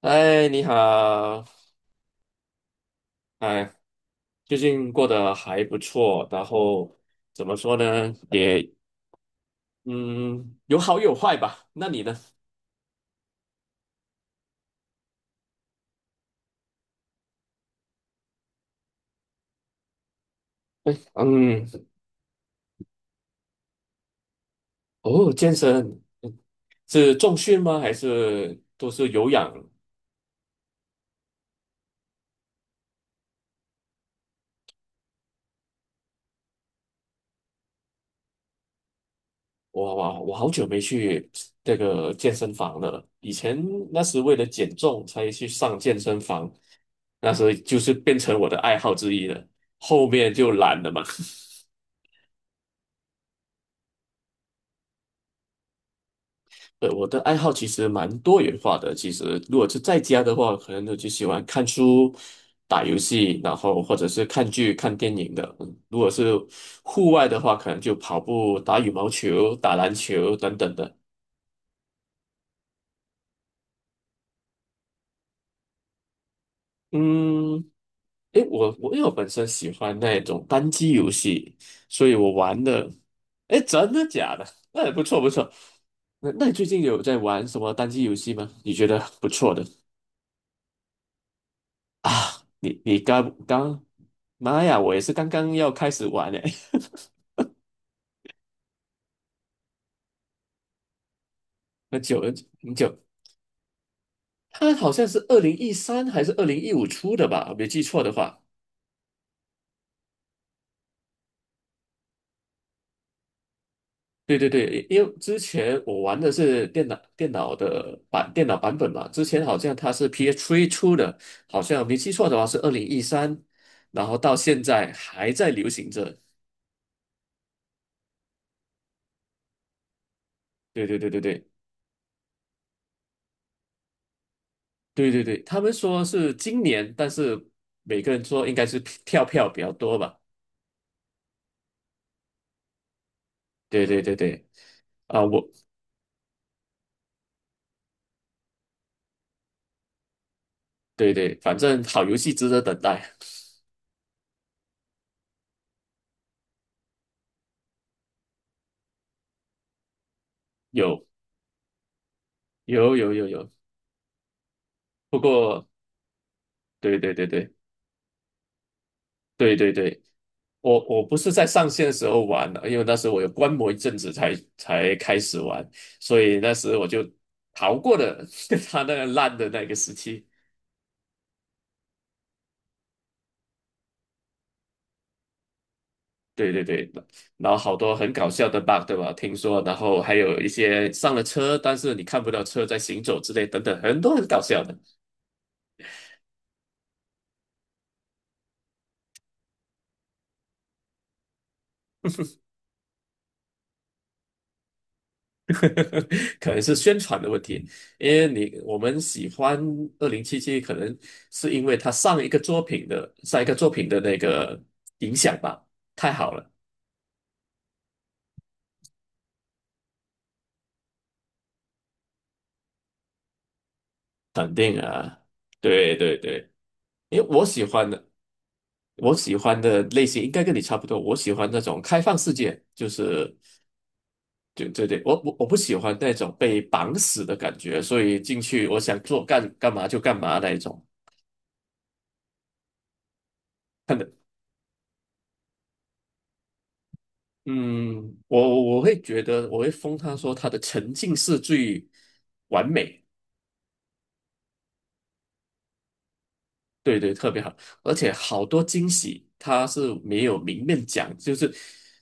哎，你好，哎，最近过得还不错，然后怎么说呢，也嗯，有好有坏吧。那你呢？嗯，哦，健身是重训吗？还是都是有氧？我好久没去这个健身房了，以前那时为了减重才去上健身房，那时就是变成我的爱好之一了，后面就懒了嘛。我的爱好其实蛮多元化的。其实，如果是在家的话，可能我就喜欢看书、打游戏，然后或者是看剧、看电影的。嗯如果是户外的话，可能就跑步、打羽毛球、打篮球等等的。嗯，诶，我因为我本身喜欢那种单机游戏，所以我玩的，诶，真的假的？那也不错不错。那你最近有在玩什么单机游戏吗？你觉得不错的？啊，你刚刚，妈呀，我也是刚刚要开始玩诶，很久很久很久，它好像是二零一三还是2015出的吧，我没记错的话。对对对，因为之前我玩的是电脑版本嘛，之前好像它是 PS3 出的，好像没记错的话是二零一三，然后到现在还在流行着。对对对对对对对对，他们说是今年，但是每个人说应该是跳票比较多吧。对对对对。啊，我对对，反正好游戏值得等待。有有有有有。不过，对对对对对对对，我不是在上线的时候玩的，因为那时候我有观摩一阵子才开始玩，所以那时我就逃过了 他那个烂的那个时期。对对对，然后好多很搞笑的 bug，对吧？听说，然后还有一些上了车，但是你看不到车在行走之类等等，很多很搞笑的。可能是宣传的问题，因为我们喜欢2077，可能是因为他上一个作品的那个影响吧，太好了。肯定啊，对对对，因为我喜欢的类型应该跟你差不多。我喜欢那种开放世界，就是对对对，我不喜欢那种被绑死的感觉，所以进去我想干嘛就干嘛那一种。的。嗯，我会封他说他的沉浸式最完美，对对，特别好，而且好多惊喜他是没有明面讲，就是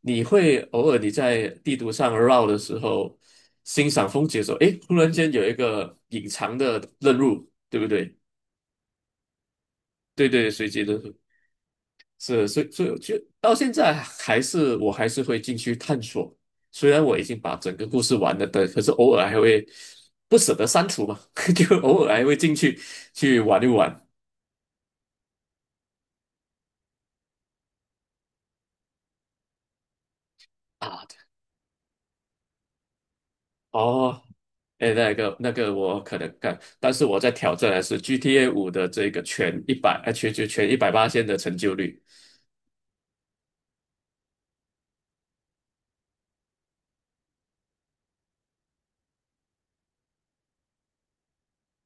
你会偶尔你在地图上绕的时候，欣赏风景的时候，诶，突然间有一个隐藏的任务，对不对？对对，随机的，是，所以就到现在我还是会进去探索，虽然我已经把整个故事完了的，可是偶尔还会不舍得删除嘛，就偶尔还会进去去玩一玩啊。哦，哎，那个我可能干，但是我在挑战的是 GTA5的这个全一百八千的成就率。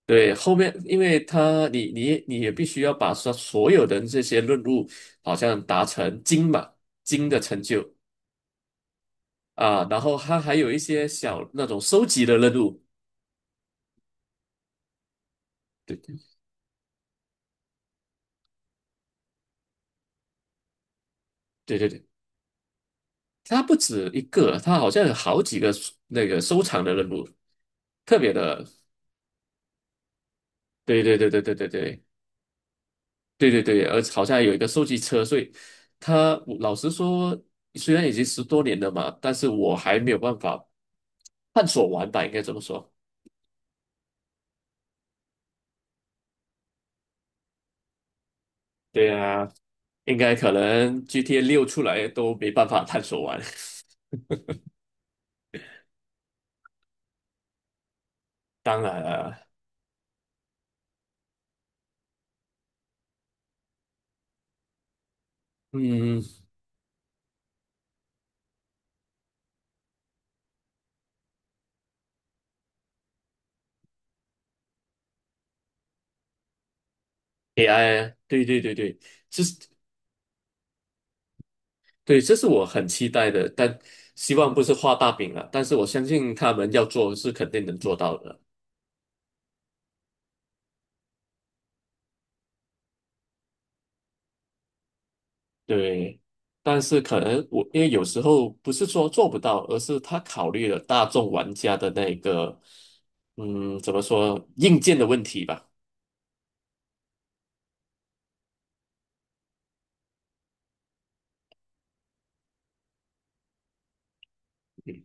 对，后面因为他你你你也必须要把所有的这些任务好像达成金嘛，金的成就。啊，然后它还有一些小那种收集的任务，对对，对对对，它不止一个，它好像有好几个那个收藏的任务，特别的，对对对对对对对对对对，而好像有一个收集车，所以它我老实说，虽然已经10多年了嘛，但是我还没有办法探索完吧，应该这么说。对啊，应该可能 GTA6出来都没办法探索完。当然了，嗯，AI，对对对对，就是。对，这是我很期待的，但希望不是画大饼了。但是我相信他们要做是肯定能做到的。对，但是可能我因为有时候不是说做不到，而是他考虑了大众玩家的那个，嗯，怎么说硬件的问题吧。嗯，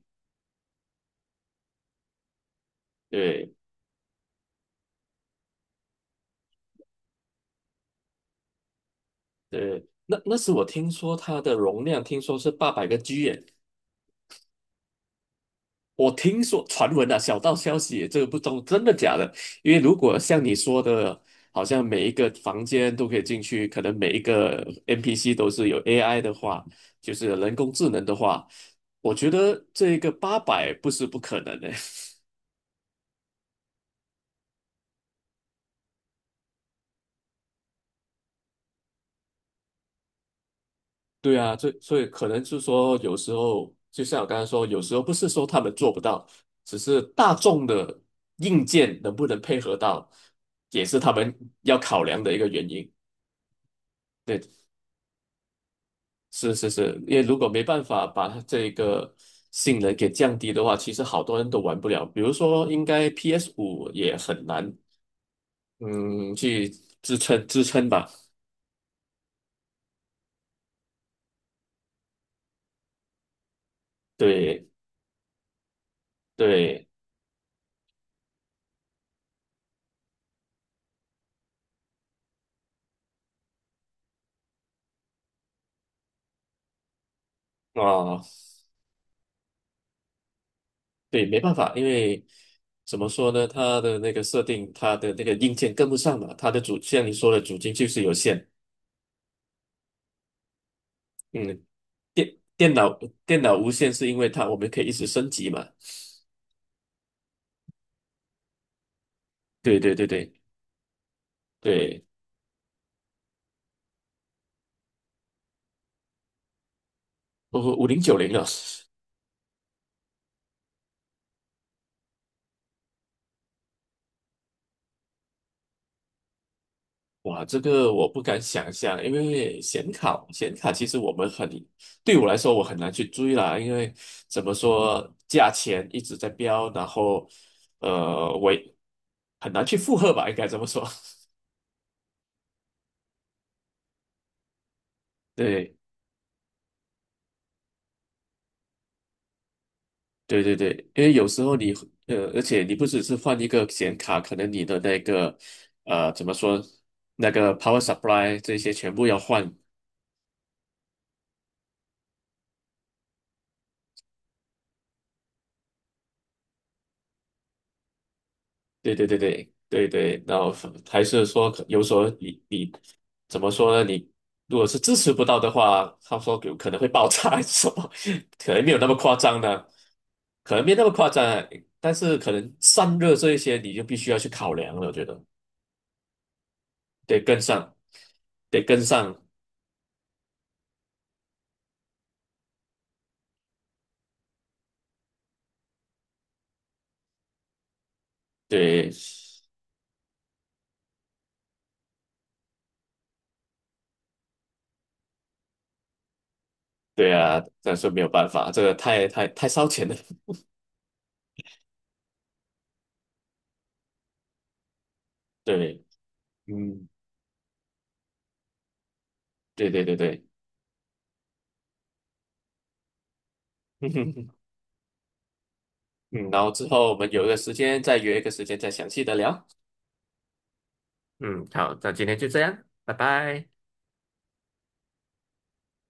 对对，那时我听说它的容量听说是800个G 耶，我听说传闻啊，小道消息，这个不懂真的假的。因为如果像你说的，好像每一个房间都可以进去，可能每一个 NPC 都是有 AI 的话，就是人工智能的话，我觉得这个八百不是不可能的。对啊，这所以可能就是说，有时候就像我刚才说，有时候不是说他们做不到，只是大众的硬件能不能配合到，也是他们要考量的一个原因。对是是是，因为如果没办法把它这个性能给降低的话，其实好多人都玩不了。比如说，应该 PS5也很难，嗯，去支撑支撑吧。对对啊，对，没办法，因为怎么说呢，它的那个设定，它的那个硬件跟不上嘛，它的主像你说的主机就是有限。嗯，电电脑电脑无线是因为它我们可以一直升级嘛。对对对对对，哦，5090了。哇，这个我不敢想象，因为显卡其实我们很，对我来说我很难去追啦，因为怎么说价钱一直在飙，然后我也很难去负荷吧，应该这么说。对对对对，因为有时候而且你不只是换一个显卡，可能你的那个怎么说那个 power supply 这些全部要换，对对对对对对，然后还是说有所候你怎么说呢？你如果是支持不到的话，他说有可能会爆炸还是什么。可能没有那么夸张的，可能没那么夸张啊，但是可能散热这一些你就必须要去考量了，我觉得得跟上，得跟上，对对啊，但是没有办法，这个太太太烧钱了。对，嗯，对对对对。嗯，然后之后我们有一个时间再约一个时间再详细的聊。嗯，好，那今天就这样，拜拜。